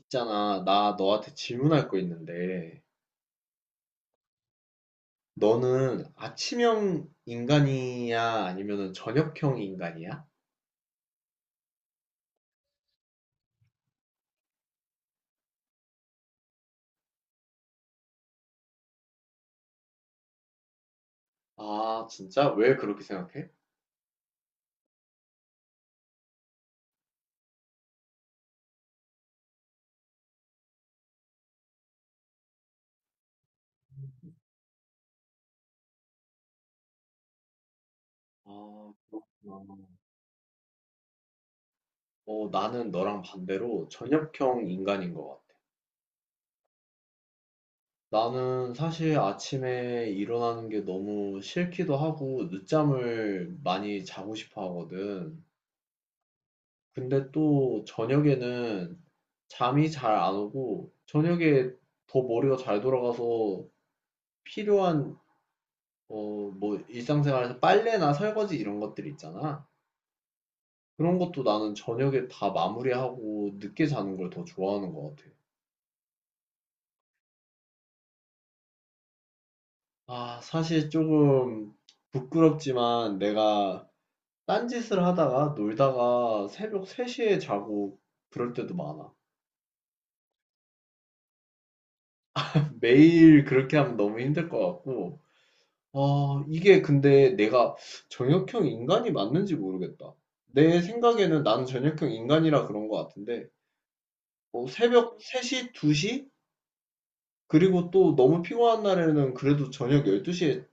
있잖아, 나 너한테 질문할 거 있는데, 너는 아침형 인간이야? 아니면 저녁형 인간이야? 아, 진짜? 왜 그렇게 생각해? 아, 그렇구나. 어, 나는 너랑 반대로 저녁형 인간인 것 같아. 나는 사실 아침에 일어나는 게 너무 싫기도 하고, 늦잠을 많이 자고 싶어 하거든. 근데 또 저녁에는 잠이 잘 안 오고, 저녁에 더 머리가 잘 돌아가서 필요한 뭐 일상생활에서 빨래나 설거지 이런 것들 있잖아. 그런 것도 나는 저녁에 다 마무리하고 늦게 자는 걸 더 좋아하는 것 같아. 아, 사실 조금 부끄럽지만 내가 딴짓을 하다가 놀다가 새벽 3시에 자고 그럴 때도 많아. 매일 그렇게 하면 너무 힘들 것 같고. 아, 이게 근데 내가 저녁형 인간이 맞는지 모르겠다. 내 생각에는 나는 저녁형 인간이라 그런 것 같은데. 뭐 새벽 3시, 2시? 그리고 또 너무 피곤한 날에는 그래도 저녁 12시에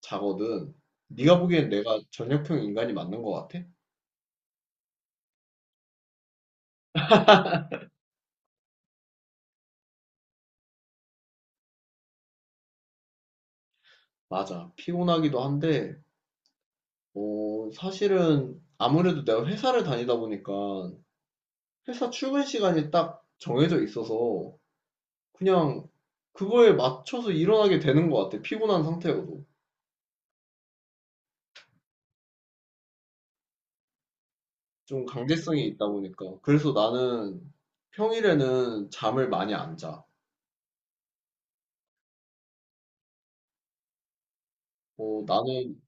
자거든. 네가 보기엔 내가 저녁형 인간이 맞는 것 같아? 맞아. 피곤하기도 한데, 어, 사실은 아무래도 내가 회사를 다니다 보니까 회사 출근 시간이 딱 정해져 있어서 그냥 그거에 맞춰서 일어나게 되는 것 같아. 피곤한 상태여도. 좀 강제성이 있다 보니까. 그래서 나는 평일에는 잠을 많이 안 자. 어, 나는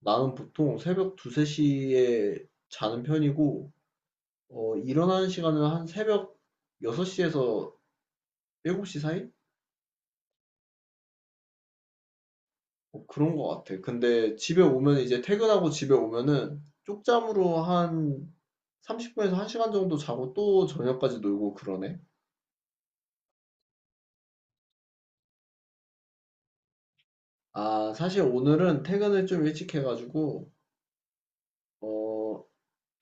나는 보통 새벽 2, 3시에 자는 편이고 어, 일어나는 시간은 한 새벽 6시에서 7시 사이? 뭐 그런 것 같아. 근데 집에 오면 이제 퇴근하고 집에 오면은 쪽잠으로 한 30분에서 1시간 정도 자고 또 저녁까지 놀고 그러네. 아, 사실 오늘은 퇴근을 좀 일찍 해가지고 어,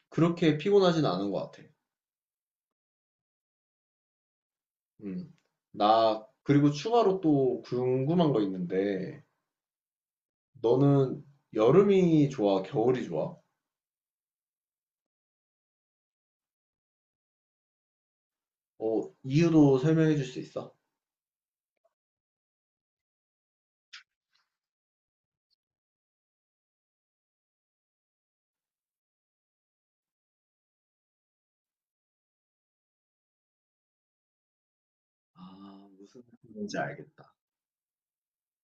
그렇게 피곤하진 않은 것 같아. 음. 나 그리고 추가로 또 궁금한 거 있는데 너는 여름이 좋아, 겨울이 좋아? 어, 이유도 설명해 줄 수 있어? 아, 무슨 느낌인지 알겠다.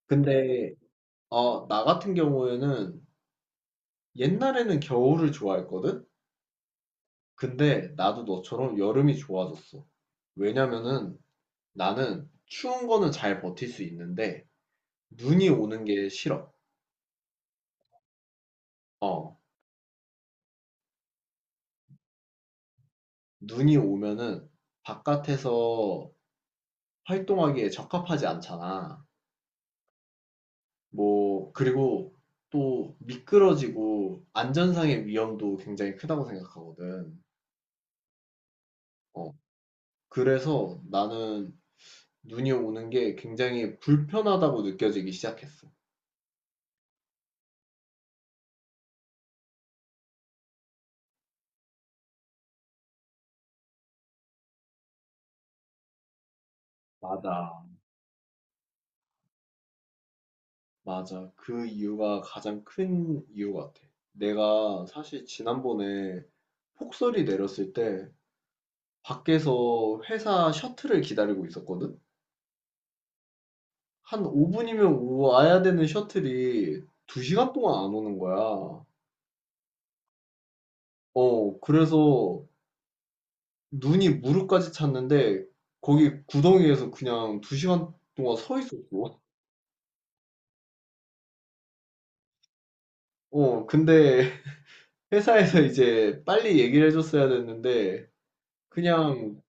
근데, 어, 나 같은 경우에는 옛날에는 겨울을 좋아했거든? 근데 나도 너처럼 여름이 좋아졌어. 왜냐면은 나는 추운 거는 잘 버틸 수 있는데 눈이 오는 게 싫어. 어, 눈이 오면은 바깥에서 활동하기에 적합하지 않잖아. 뭐 그리고 또 미끄러지고 안전상의 위험도 굉장히 크다고 생각하거든. 어. 그래서 나는 눈이 오는 게 굉장히 불편하다고 느껴지기 시작했어. 맞아. 맞아. 그 이유가 가장 큰 이유 같아. 내가 사실 지난번에 폭설이 내렸을 때 밖에서 회사 셔틀을 기다리고 있었거든? 한 5분이면 와야 되는 셔틀이 2시간 동안 안 오는 거야. 어, 그래서 눈이 무릎까지 찼는데 거기 구덩이에서 그냥 두 시간 동안 서 있었어. 어, 근데 회사에서 이제 빨리 얘기를 해줬어야 됐는데 그냥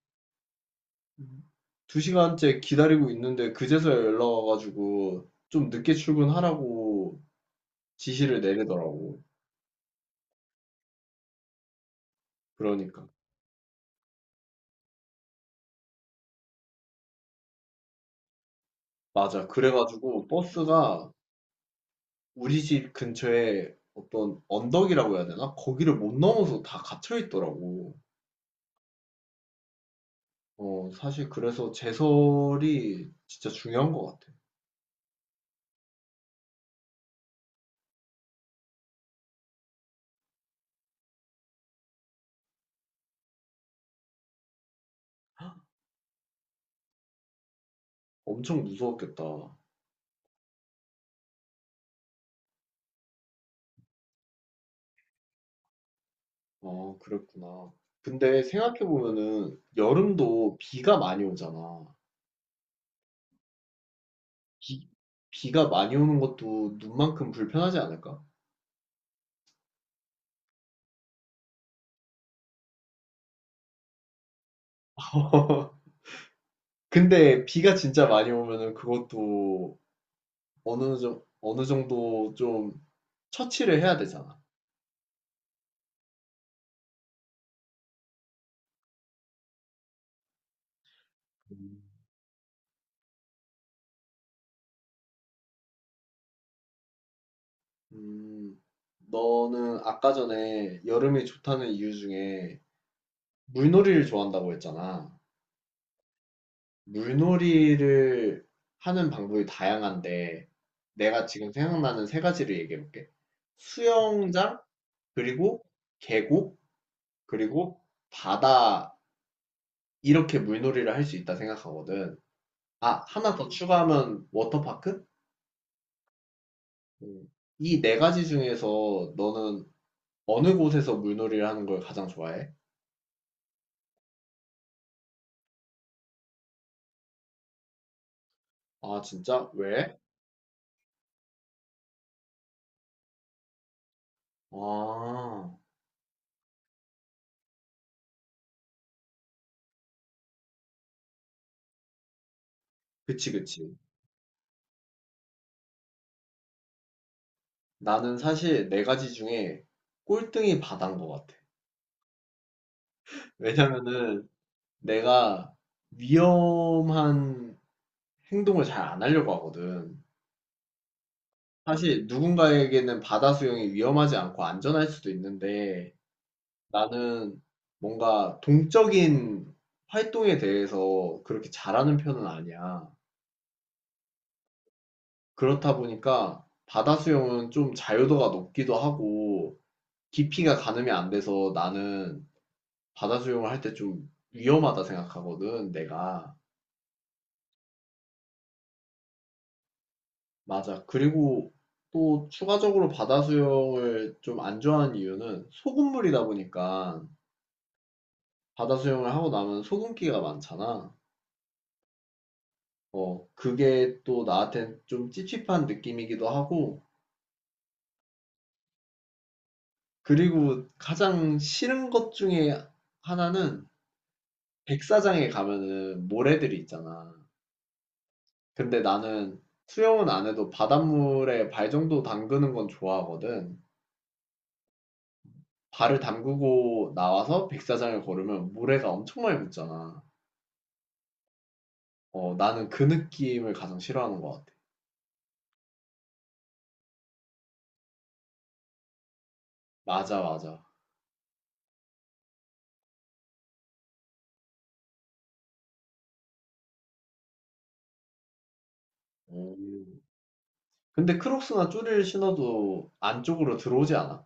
두 시간째 기다리고 있는데 그제서야 연락 와가지고 좀 늦게 출근하라고 지시를 내리더라고. 그러니까. 맞아. 그래가지고 버스가 우리 집 근처에 어떤 언덕이라고 해야 되나? 거기를 못 넘어서 다 갇혀 있더라고. 어, 사실 그래서 제설이 진짜 중요한 것 같아. 엄청 무서웠겠다. 아, 그랬구나. 근데 생각해보면은 여름도 비가 많이 오잖아. 비, 비가 많이 오는 것도 눈만큼 불편하지 않을까? 근데 비가 진짜 많이 오면은 그것도 어느 정도 좀 처치를 해야 되잖아. 음. 음, 너는 아까 전에 여름이 좋다는 이유 중에 물놀이를 좋아한다고 했잖아. 물놀이를 하는 방법이 다양한데, 내가 지금 생각나는 세 가지를 얘기해 볼게. 수영장, 그리고 계곡, 그리고 바다, 이렇게 물놀이를 할 수 있다 생각하거든. 아, 하나 더 추가하면 워터파크? 음. 이네 가지 중에서 너는 어느 곳에서 물놀이를 하는 걸 가장 좋아해? 아, 진짜? 왜? 아, 그치, 그치. 나는 사실 네 가지 중에 꼴등이 바다인 것 같아. 왜냐면은 내가 위험한 행동을 잘 안 하려고 하거든. 사실 누군가에게는 바다 수영이 위험하지 않고 안전할 수도 있는데 나는 뭔가 동적인 활동에 대해서 그렇게 잘하는 편은 아니야. 그렇다 보니까 바다 수영은 좀 자유도가 높기도 하고 깊이가 가늠이 안 돼서 나는 바다 수영을 할 때 좀 위험하다 생각하거든, 내가. 맞아. 그리고 또 추가적으로 바다 수영을 좀 안 좋아하는 이유는 소금물이다 보니까 바다 수영을 하고 나면 소금기가 많잖아. 어, 그게 또 나한텐 좀 찝찝한 느낌이기도 하고, 그리고 가장 싫은 것 중에 하나는 백사장에 가면은 모래들이 있잖아. 근데 나는 수영은 안 해도 바닷물에 발 정도 담그는 건 좋아하거든. 발을 담그고 나와서 백사장을 걸으면 모래가 엄청 많이 묻잖아. 어 나는 그 느낌을 가장 싫어하는 것 같아. 맞아, 맞아. 오. 근데 크록스나 쪼리를 신어도 안쪽으로 들어오지 않아.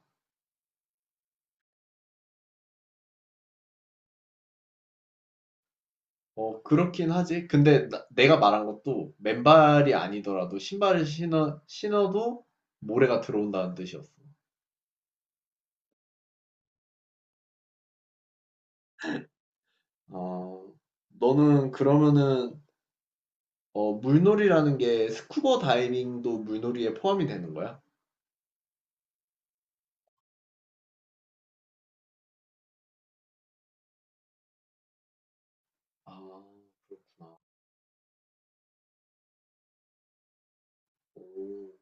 어 그렇긴 하지. 근데 나- 내가 말한 것도 맨발이 아니더라도 신발을 신어도 모래가 들어온다는 뜻이었어. 어 너는 그러면은 물놀이라는 게 스쿠버 다이빙도 물놀이에 포함이 되는 거야? 아, 오,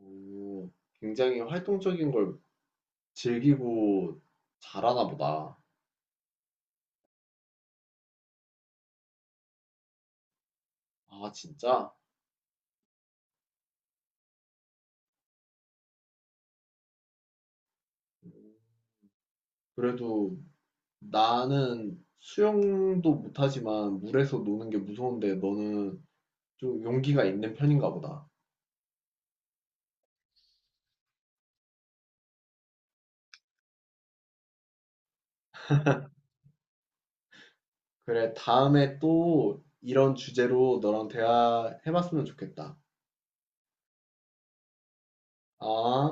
오, 굉장히 활동적인 걸 즐기고 잘하나 보다. 아, 진짜? 그래도 나는 수영도 못하지만 물에서 노는 게 무서운데 너는 좀 용기가 있는 편인가 보다. 그래, 다음에 또 이런 주제로 너랑 대화해봤으면 좋겠다. 아.